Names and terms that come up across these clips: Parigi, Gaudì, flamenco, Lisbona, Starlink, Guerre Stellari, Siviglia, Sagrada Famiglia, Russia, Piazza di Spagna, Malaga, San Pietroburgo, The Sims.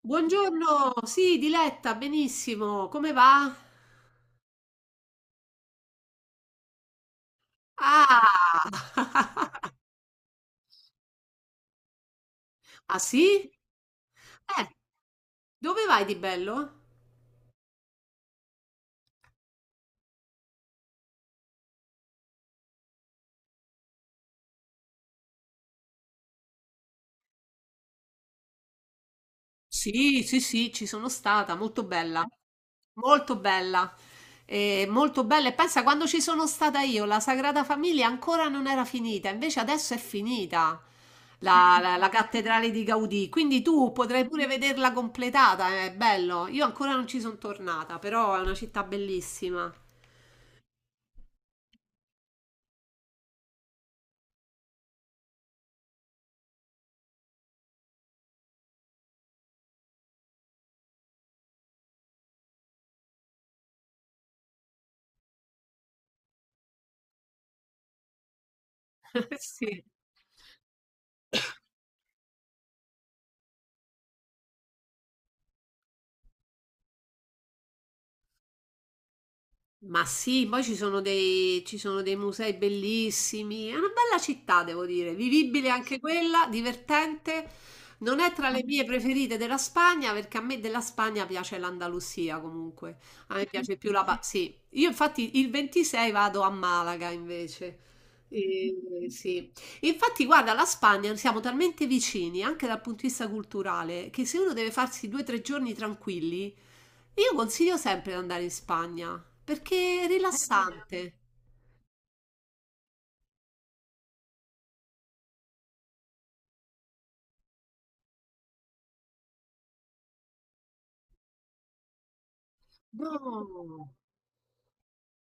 Buongiorno, sì, Diletta, benissimo, come va? Ah, ah sì? Eh, dove vai di bello? Sì, sì, sì, ci sono stata, molto bella, molto bella, molto bella. E pensa, quando ci sono stata io, la Sagrada Famiglia ancora non era finita, invece adesso è finita la cattedrale di Gaudì, quindi tu potrai pure vederla completata, è bello. Io ancora non ci sono tornata, però è una città bellissima. Sì. Ma sì, poi ci sono dei musei bellissimi. È una bella città, devo dire, vivibile anche quella, divertente. Non è tra le mie preferite della Spagna, perché a me della Spagna piace l'Andalusia comunque. A me piace più la... pa- Sì, io infatti il 26 vado a Malaga invece. E- sì. Infatti, guarda, la Spagna siamo talmente vicini anche dal punto di vista culturale che se uno deve farsi due o tre giorni tranquilli, io consiglio sempre di andare in Spagna perché è rilassante. No,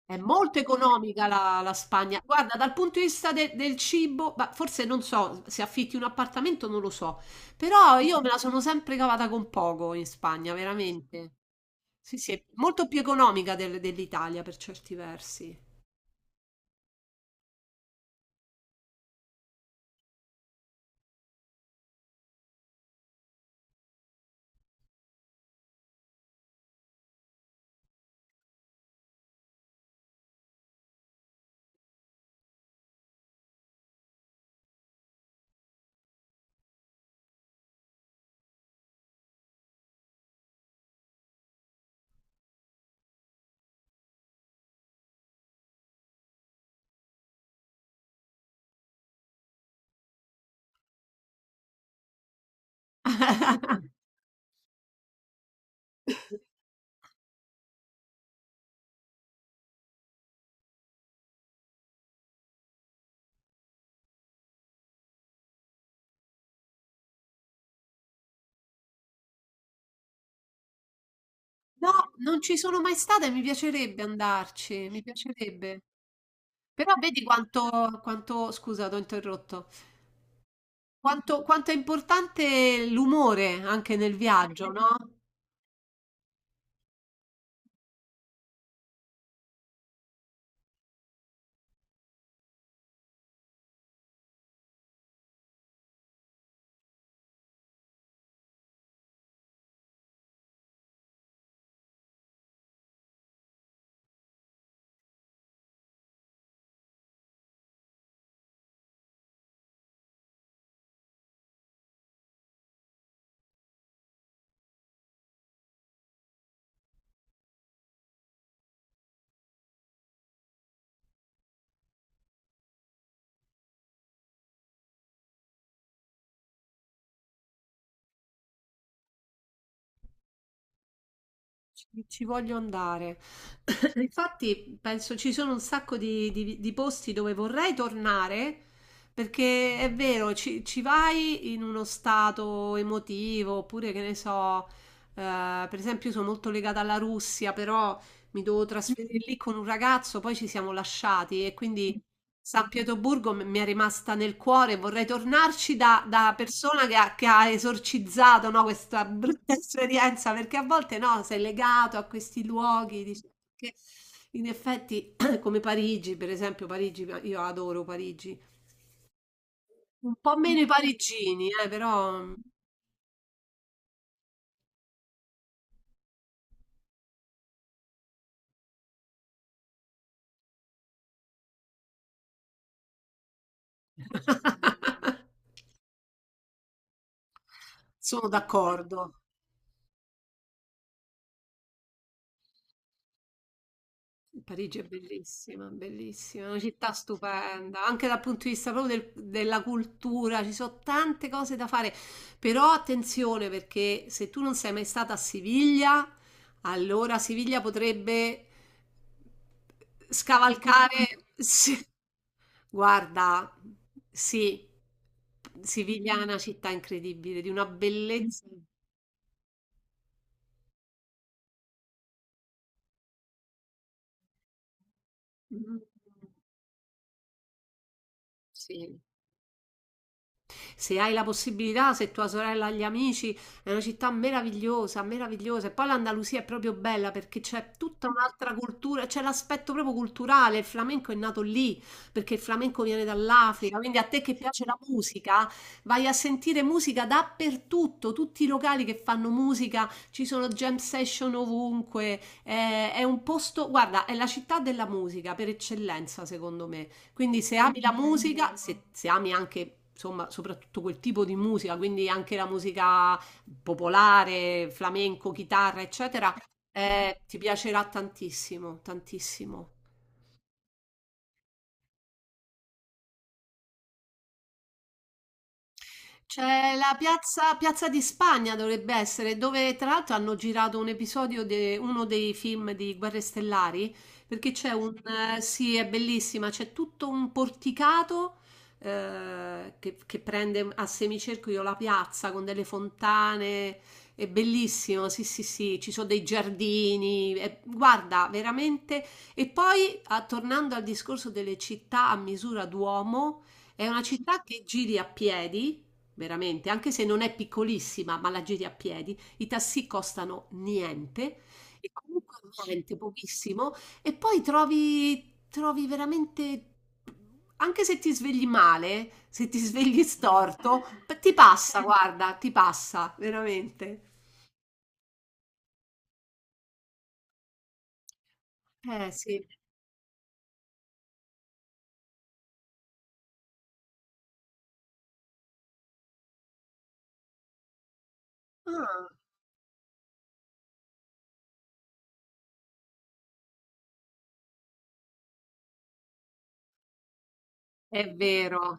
è molto economica la Spagna. Guarda, dal punto di vista de- del cibo, ma forse non so se affitti un appartamento, non lo so, però io me la sono sempre cavata con poco in Spagna, veramente. Sì, sì, è molto più economica del- dell'Italia per certi versi. No, non ci sono mai stata e mi piacerebbe andarci, mi piacerebbe. Però vedi quanto... Scusa, ti ho interrotto. Quanto è importante l'umore anche nel viaggio, no? Ci voglio andare. Infatti, penso ci sono un sacco di posti dove vorrei tornare, perché è vero, ci vai in uno stato emotivo, oppure che ne so, per esempio, io sono molto legata alla Russia, però mi dovevo trasferire lì con un ragazzo, poi ci siamo lasciati e quindi San Pietroburgo m- mi è rimasta nel cuore, vorrei tornarci da persona che ha esorcizzato, no, questa brutta esperienza, perché a volte no, sei legato a questi luoghi, dici, che in effetti come Parigi, per esempio, Parigi, io adoro Parigi, un po' meno i parigini, però sono d'accordo. Parigi è bellissima, bellissima, è una città stupenda, anche dal punto di vista proprio del- della cultura, ci sono tante cose da fare, però attenzione perché se tu non sei mai stata a Siviglia, allora Siviglia potrebbe scavalcare. Sì. Guarda, sì, Siviglia è una città incredibile, di una bellezza. Mm, sì. Se hai la possibilità, se tua sorella ha gli amici, è una città meravigliosa, meravigliosa. E poi l'Andalusia è proprio bella perché c'è tutta un'altra cultura, c'è l'aspetto proprio culturale. Il flamenco è nato lì perché il flamenco viene dall'Africa. Quindi a te che piace la musica, vai a sentire musica dappertutto. Tutti i locali che fanno musica, ci sono jam session ovunque. È un posto, guarda, è la città della musica per eccellenza, secondo me. Quindi se ami la musica, se ami anche, insomma, soprattutto quel tipo di musica, quindi anche la musica popolare, flamenco, chitarra, eccetera, ti piacerà tantissimo, tantissimo. C'è la piazza, Piazza di Spagna dovrebbe essere, dove tra l'altro hanno girato un episodio di uno dei film di Guerre Stellari, perché c'è un... sì, è bellissima, c'è tutto un porticato che prende a semicerchio la piazza con delle fontane, è bellissimo, sì, sì, sì, ci sono dei giardini, è- guarda, veramente... E poi, a- tornando al discorso delle città a misura d'uomo, è una città che giri a piedi. Veramente, anche se non è piccolissima, ma la giri a piedi, i taxi costano niente e comunque niente, pochissimo. E poi trovi veramente, anche se ti svegli male, se ti svegli storto, p- ti passa, guarda, ti passa, veramente. Eh sì. Ah. È vero.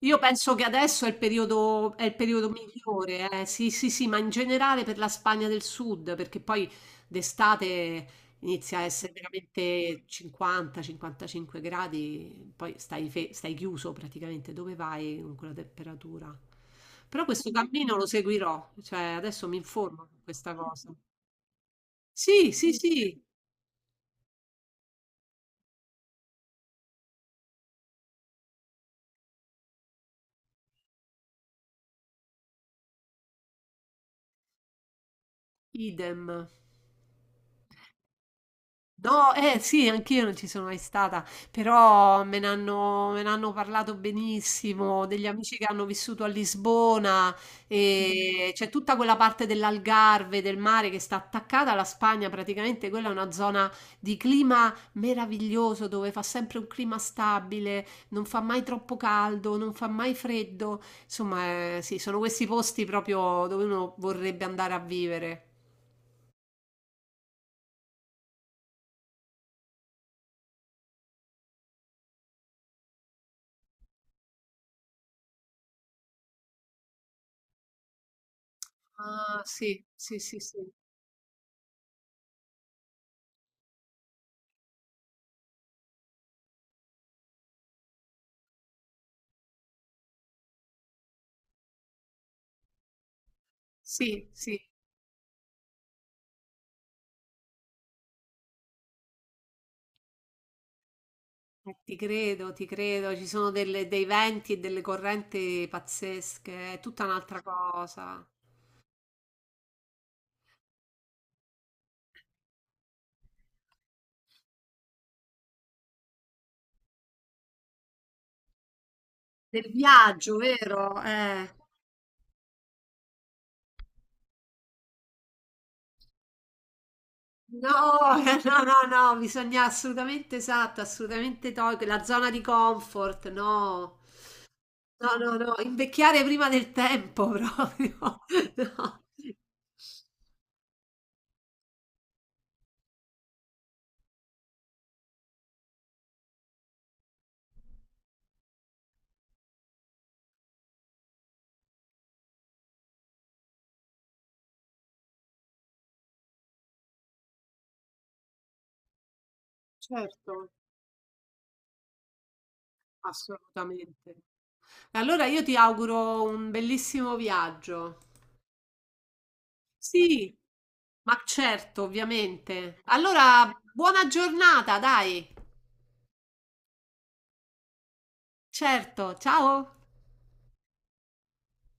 Io penso che adesso è il periodo migliore, eh. Sì, sì, sì, ma in generale per la Spagna del Sud, perché poi d'estate inizia a essere veramente 50-55 gradi, poi stai, fe- stai chiuso praticamente, dove vai con quella temperatura? Però questo cammino lo seguirò, cioè adesso mi informo su questa cosa. Sì, sì, sì, idem. No, eh sì, anch'io non ci sono mai stata, però me ne hanno parlato benissimo, degli amici che hanno vissuto a Lisbona e c'è tutta quella parte dell'Algarve, del mare che sta attaccata alla Spagna, praticamente quella è una zona di clima meraviglioso dove fa sempre un clima stabile, non fa mai troppo caldo, non fa mai freddo, insomma, sì, sono questi posti proprio dove uno vorrebbe andare a vivere. Ah, sì, sì, sì, sì. Sì, sì. Ti credo, ti credo, ci sono delle- dei venti e delle correnti pazzesche, è tutta un'altra cosa. Del viaggio, vero? No, no, no, no, bisogna assolutamente, esatto, assolutamente togliere la zona di comfort, no, no, no, no, invecchiare prima del tempo proprio, no. Certo, assolutamente. Allora io ti auguro un bellissimo viaggio. Sì, ma certo, ovviamente. Allora, buona giornata, dai. Certo, ciao.